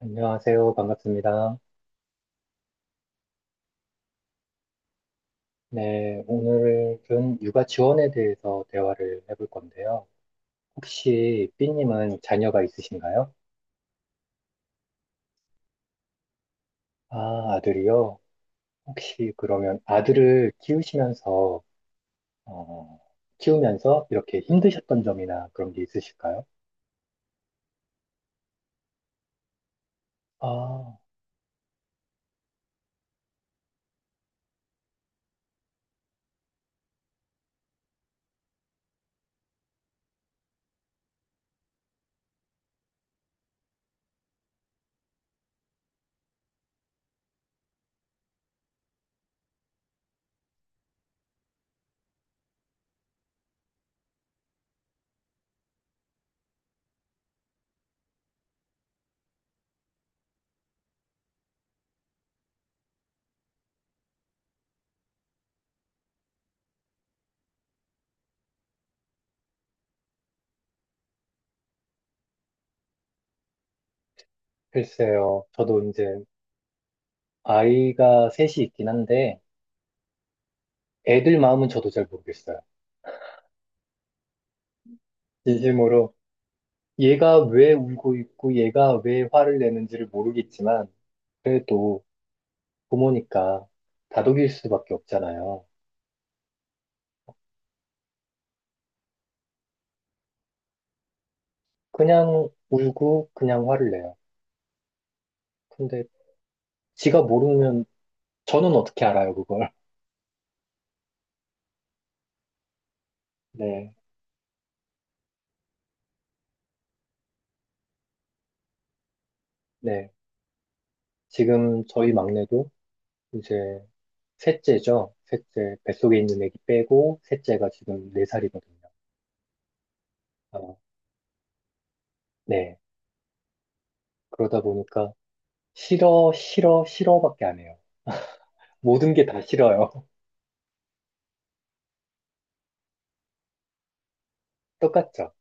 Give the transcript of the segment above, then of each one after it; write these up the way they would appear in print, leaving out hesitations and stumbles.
안녕하세요. 반갑습니다. 네, 오늘은 육아 지원에 대해서 대화를 해볼 건데요. 혹시 삐님은 자녀가 있으신가요? 아, 아들이요? 혹시 그러면 아들을 키우시면서, 어, 키우면서 이렇게 힘드셨던 점이나 그런 게 있으실까요? 아, 글쎄요. 저도 이제 아이가 셋이 있긴 한데, 애들 마음은 저도 잘 모르겠어요. 진심으로 얘가 왜 울고 있고 얘가 왜 화를 내는지를 모르겠지만, 그래도 부모니까 다독일 수밖에 없잖아요. 그냥 울고 그냥 화를 내요. 근데 지가 모르면 저는 어떻게 알아요, 그걸. 네, 네. 지금 저희 막내도 이제 셋째죠. 셋째, 뱃속에 있는 애기 빼고 셋째가 지금 4살이거든요. 네. 그러다 보니까 싫어, 싫어, 싫어밖에 안 해요. 모든 게 다 싫어요. 똑같죠?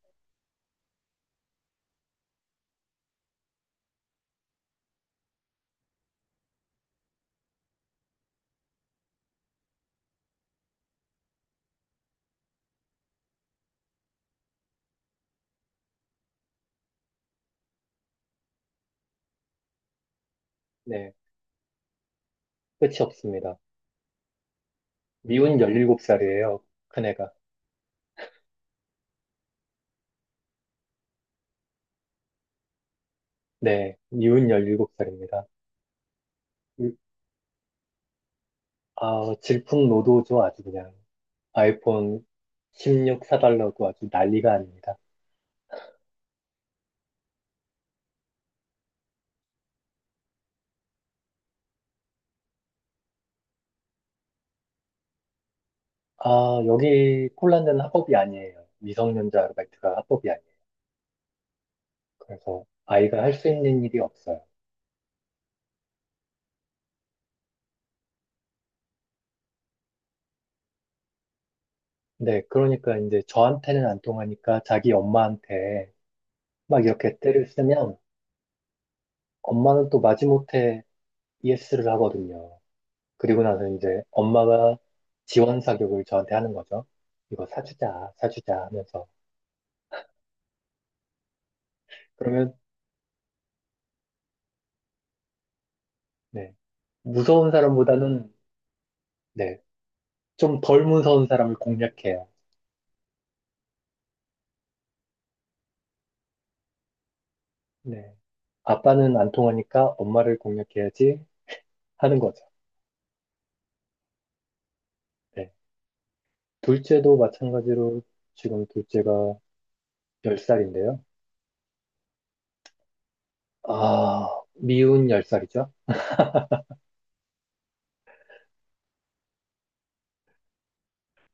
네. 끝이 없습니다. 미운 17살이에요, 큰애가. 네, 이혼 17살입니다. 아, 질풍노도죠, 아주 그냥. 아이폰 16 사달라고 아주 난리가 아닙니다. 아, 여기 폴란드는 합법이 아니에요. 미성년자 아르바이트가 합법이 아니에요. 그래서 아이가 할 수 있는 일이 없어요. 네, 그러니까 이제 저한테는 안 통하니까 자기 엄마한테 막 이렇게 때를 쓰면 엄마는 또 마지못해 ES를 하거든요. 그리고 나서 이제 엄마가 지원 사격을 저한테 하는 거죠. 이거 사주자, 사주자 하면서. 그러면, 네. 무서운 사람보다는, 네, 좀 덜 무서운 사람을 공략해요. 네. 아빠는 안 통하니까 엄마를 공략해야지 하는 거죠. 네. 둘째도 마찬가지로 지금 둘째가 10살인데요. 아, 미운 10살이죠.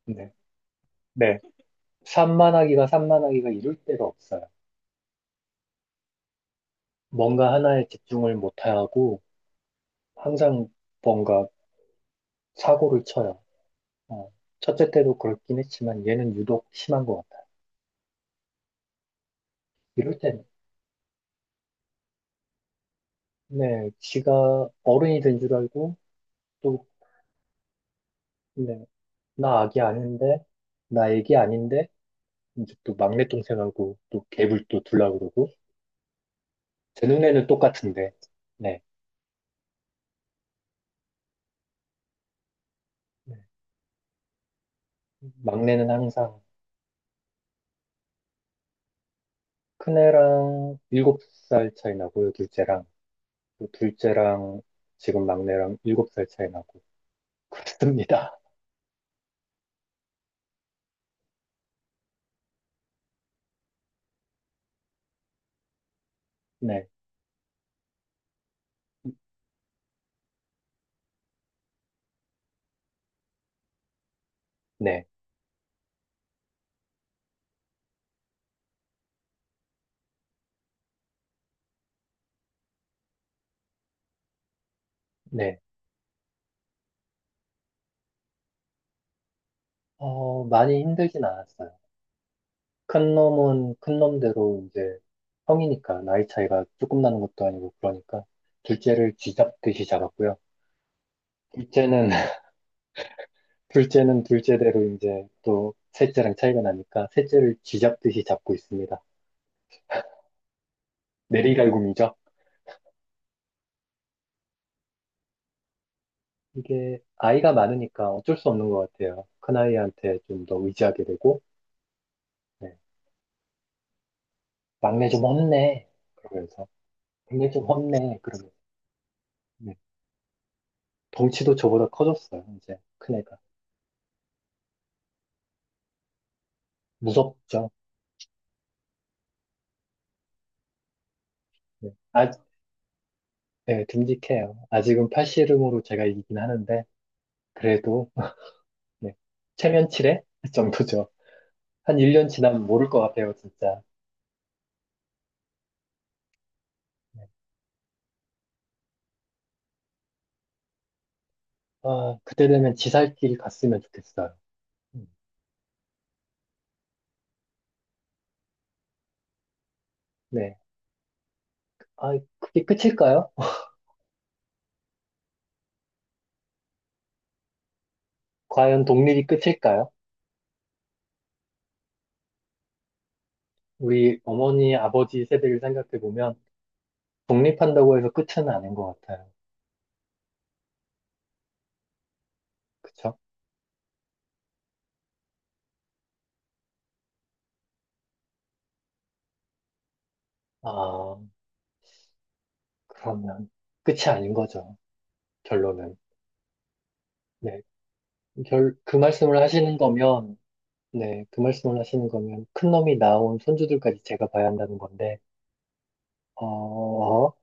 네. 네. 산만하기가 이룰 데가 없어요. 뭔가 하나에 집중을 못하고 항상 뭔가 사고를 쳐요. 어, 첫째 때도 그렇긴 했지만 얘는 유독 심한 것 같아요. 이럴 때는 네, 지가 어른이 된 줄 알고 또 네, 나 아기 아닌데 나 애기 아닌데 이제 또 막내 동생하고 또 갭을 또 둘라 그러고 제 눈에는 똑같은데 네, 네. 막내는 항상 큰애랑 7살 차이 나고요, 둘째랑 지금 막내랑 7살 차이 나고 그렇습니다. 네, 네. 네. 많이 힘들진 않았어요. 큰 놈은 큰 놈대로 이제 형이니까 나이 차이가 조금 나는 것도 아니고 그러니까 둘째를 쥐잡듯이 잡았고요. 둘째는 둘째는 둘째대로 이제 또 셋째랑 차이가 나니까 셋째를 쥐잡듯이 잡고 있습니다. 내리갈굼이죠. 이게 아이가 많으니까 어쩔 수 없는 것 같아요. 큰아이한테 좀 더 의지하게 되고 네. 막내 좀 혼내 그러면서 막내 좀 혼내 그러면서 네. 덩치도 저보다 커졌어요. 이제 큰애가. 무섭죠. 네. 아, 네, 듬직해요. 아직은 팔씨름으로 제가 이기긴 하는데, 그래도, 네. 체면치레? 정도죠. 한 1년 지나면 모를 것 같아요, 진짜. 아, 그때 되면 지살길 갔으면 좋겠어요. 음, 네. 아, 그게 끝일까요? 과연 독립이 끝일까요? 우리 어머니, 아버지 세대를 생각해 보면, 독립한다고 해서 끝은 아닌 것 같아요. 그쵸? 아, 그러면 끝이 아닌 거죠. 결론은. 네. 그 말씀을 하시는 거면, 네, 그 말씀을 하시는 거면 큰 놈이 나온 손주들까지 제가 봐야 한다는 건데, 어,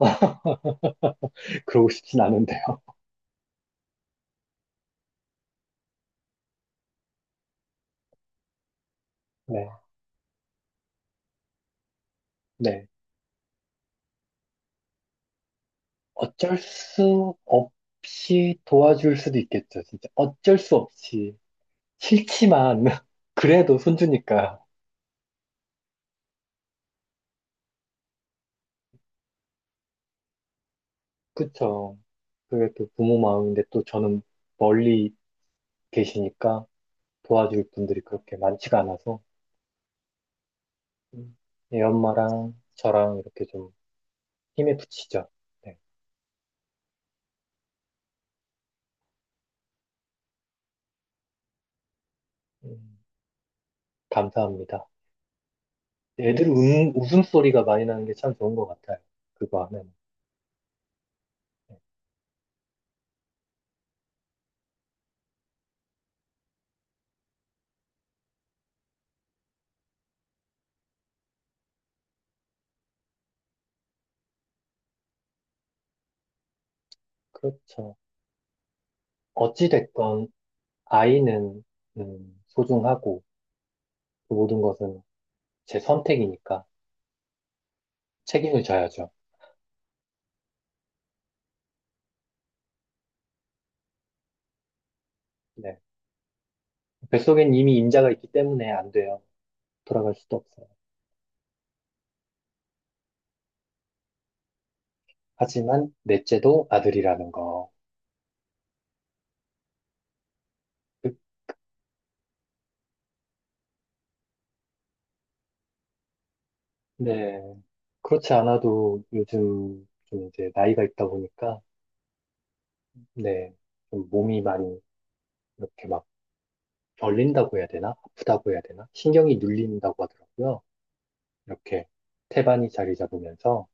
그러고 싶진 않은데요. 네, 네. 어쩔 수 없이 도와줄 수도 있겠죠, 진짜. 어쩔 수 없이. 싫지만, 그래도 손주니까. 그쵸. 그게 또 부모 마음인데 또 저는 멀리 계시니까 도와줄 분들이 그렇게 많지가 않아서, 음, 애 엄마랑 저랑 이렇게 좀 힘에 부치죠. 네. 음, 감사합니다. 애들 웃음소리가 많이 나는 게 참 좋은 것 같아요. 그거 하면. 네, 그렇죠. 어찌됐건, 아이는, 소중하고, 그 모든 것은 제 선택이니까 책임을 져야죠. 네. 뱃속엔 이미 임자가 있기 때문에 안 돼요. 돌아갈 수도 없어요. 하지만, 넷째도 아들이라는 거. 그- 네. 그렇지 않아도 요즘 좀 이제 나이가 있다 보니까, 네. 좀 몸이 많이 이렇게 막 벌린다고 해야 되나? 아프다고 해야 되나? 신경이 눌린다고 하더라고요. 이렇게 태반이 자리 잡으면서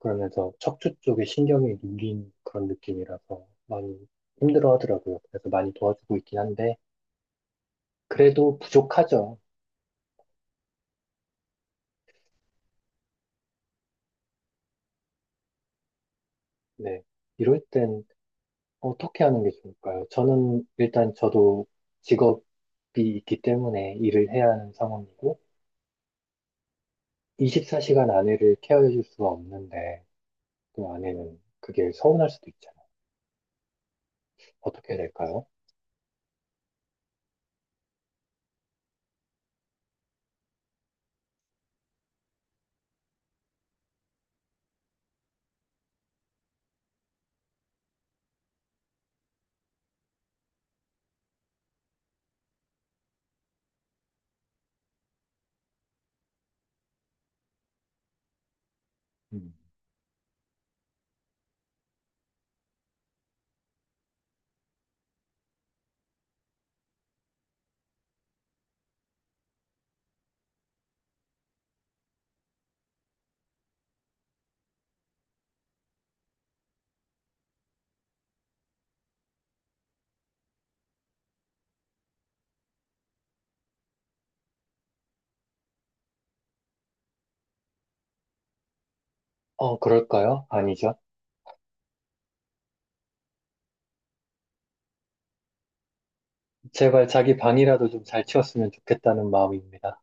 그러면서 척추 쪽에 신경이 눌린 그런 느낌이라서 많이 힘들어 하더라고요. 그래서 많이 도와주고 있긴 한데 그래도 부족하죠. 네. 이럴 땐 어떻게 하는 게 좋을까요? 저는 일단 저도 직업이 있기 때문에 일을 해야 하는 상황이고 24시간 아내를 케어해 줄 수가 없는데 또 아내는 그게 서운할 수도 있잖아요. 어떻게 해야 될까요? 음. 그럴까요? 아니죠. 제발 자기 방이라도 좀 잘 치웠으면 좋겠다는 마음입니다.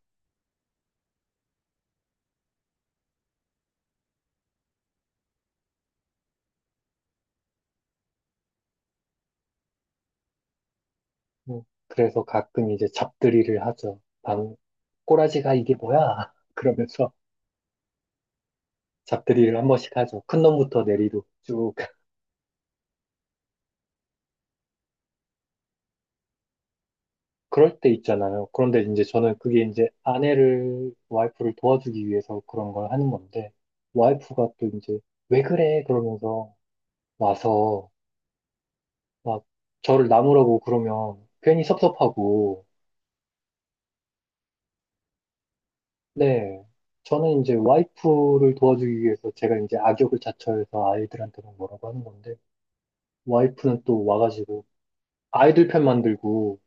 음, 그래서 가끔 이제 잡들이를 하죠. 방, 꼬라지가 이게 뭐야? 그러면서 잡들이를 한 번씩 하죠. 큰 놈부터 내리로 쭉. 그럴 때 있잖아요. 그런데 이제 저는 그게 이제 아내를, 와이프를 도와주기 위해서 그런 걸 하는 건데, 와이프가 또 이제, 왜 그래? 그러면서 와서 막 저를 나무라고 그러면 괜히 섭섭하고, 네. 저는 이제 와이프를 도와주기 위해서 제가 이제 악역을 자처해서 아이들한테는 뭐라고 하는 건데, 와이프는 또 와가지고 아이들 편 만들고,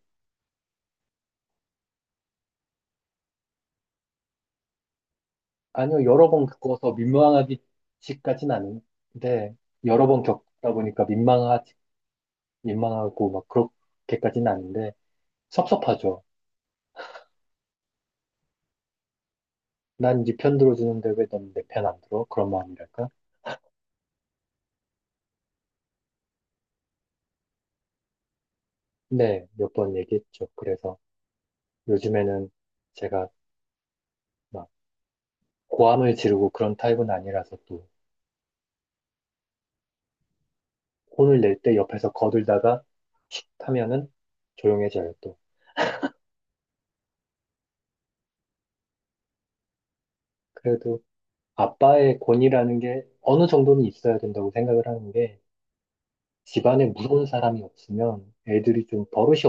아니요, 여러 번 겪어서 민망하기까지는 아닌데, 여러 번 겪다 보니까 민망하지, 민망하고 막 그렇게까지는 아닌데, 섭섭하죠. 난 네 편 들어주는데 왜 넌 내 편 안 들어? 그런 마음이랄까? 네, 몇 번 얘기했죠. 그래서 요즘에는 제가 막 고함을 지르고 그런 타입은 아니라서 또, 혼을 낼 때 옆에서 거들다가 타면은 조용해져요, 또. 그래도 아빠의 권위라는 게 어느 정도는 있어야 된다고 생각을 하는 게 집안에 무서운 사람이 없으면 애들이 좀 버릇이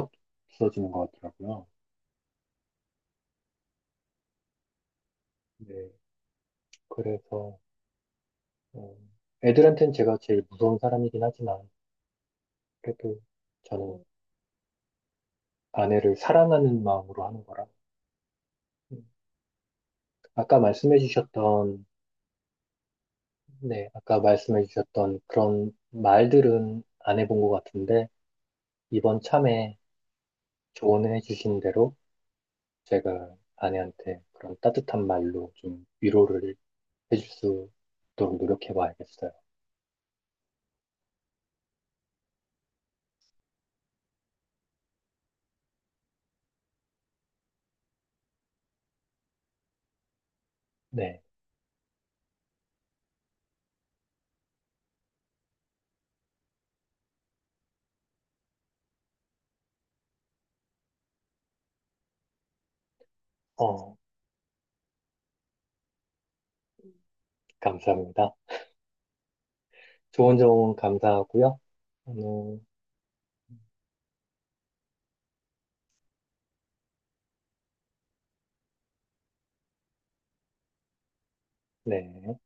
없어지는 것 같더라고요. 네. 그래서, 어, 애들한테는 제가 제일 무서운 사람이긴 하지만 그래도 저는 아내를 사랑하는 마음으로 하는 거라. 음, 아까 말씀해 주셨던, 네, 아까 말씀해 주셨던 그런 말들은 안 해본 것 같은데 이번 참에 조언해 주신 대로 제가 아내한테 그런 따뜻한 말로 좀 위로를 해줄 수 있도록 노력해 봐야겠어요. 네. 어, 감사합니다. 좋은 조언 감사하고요. 오늘, 네.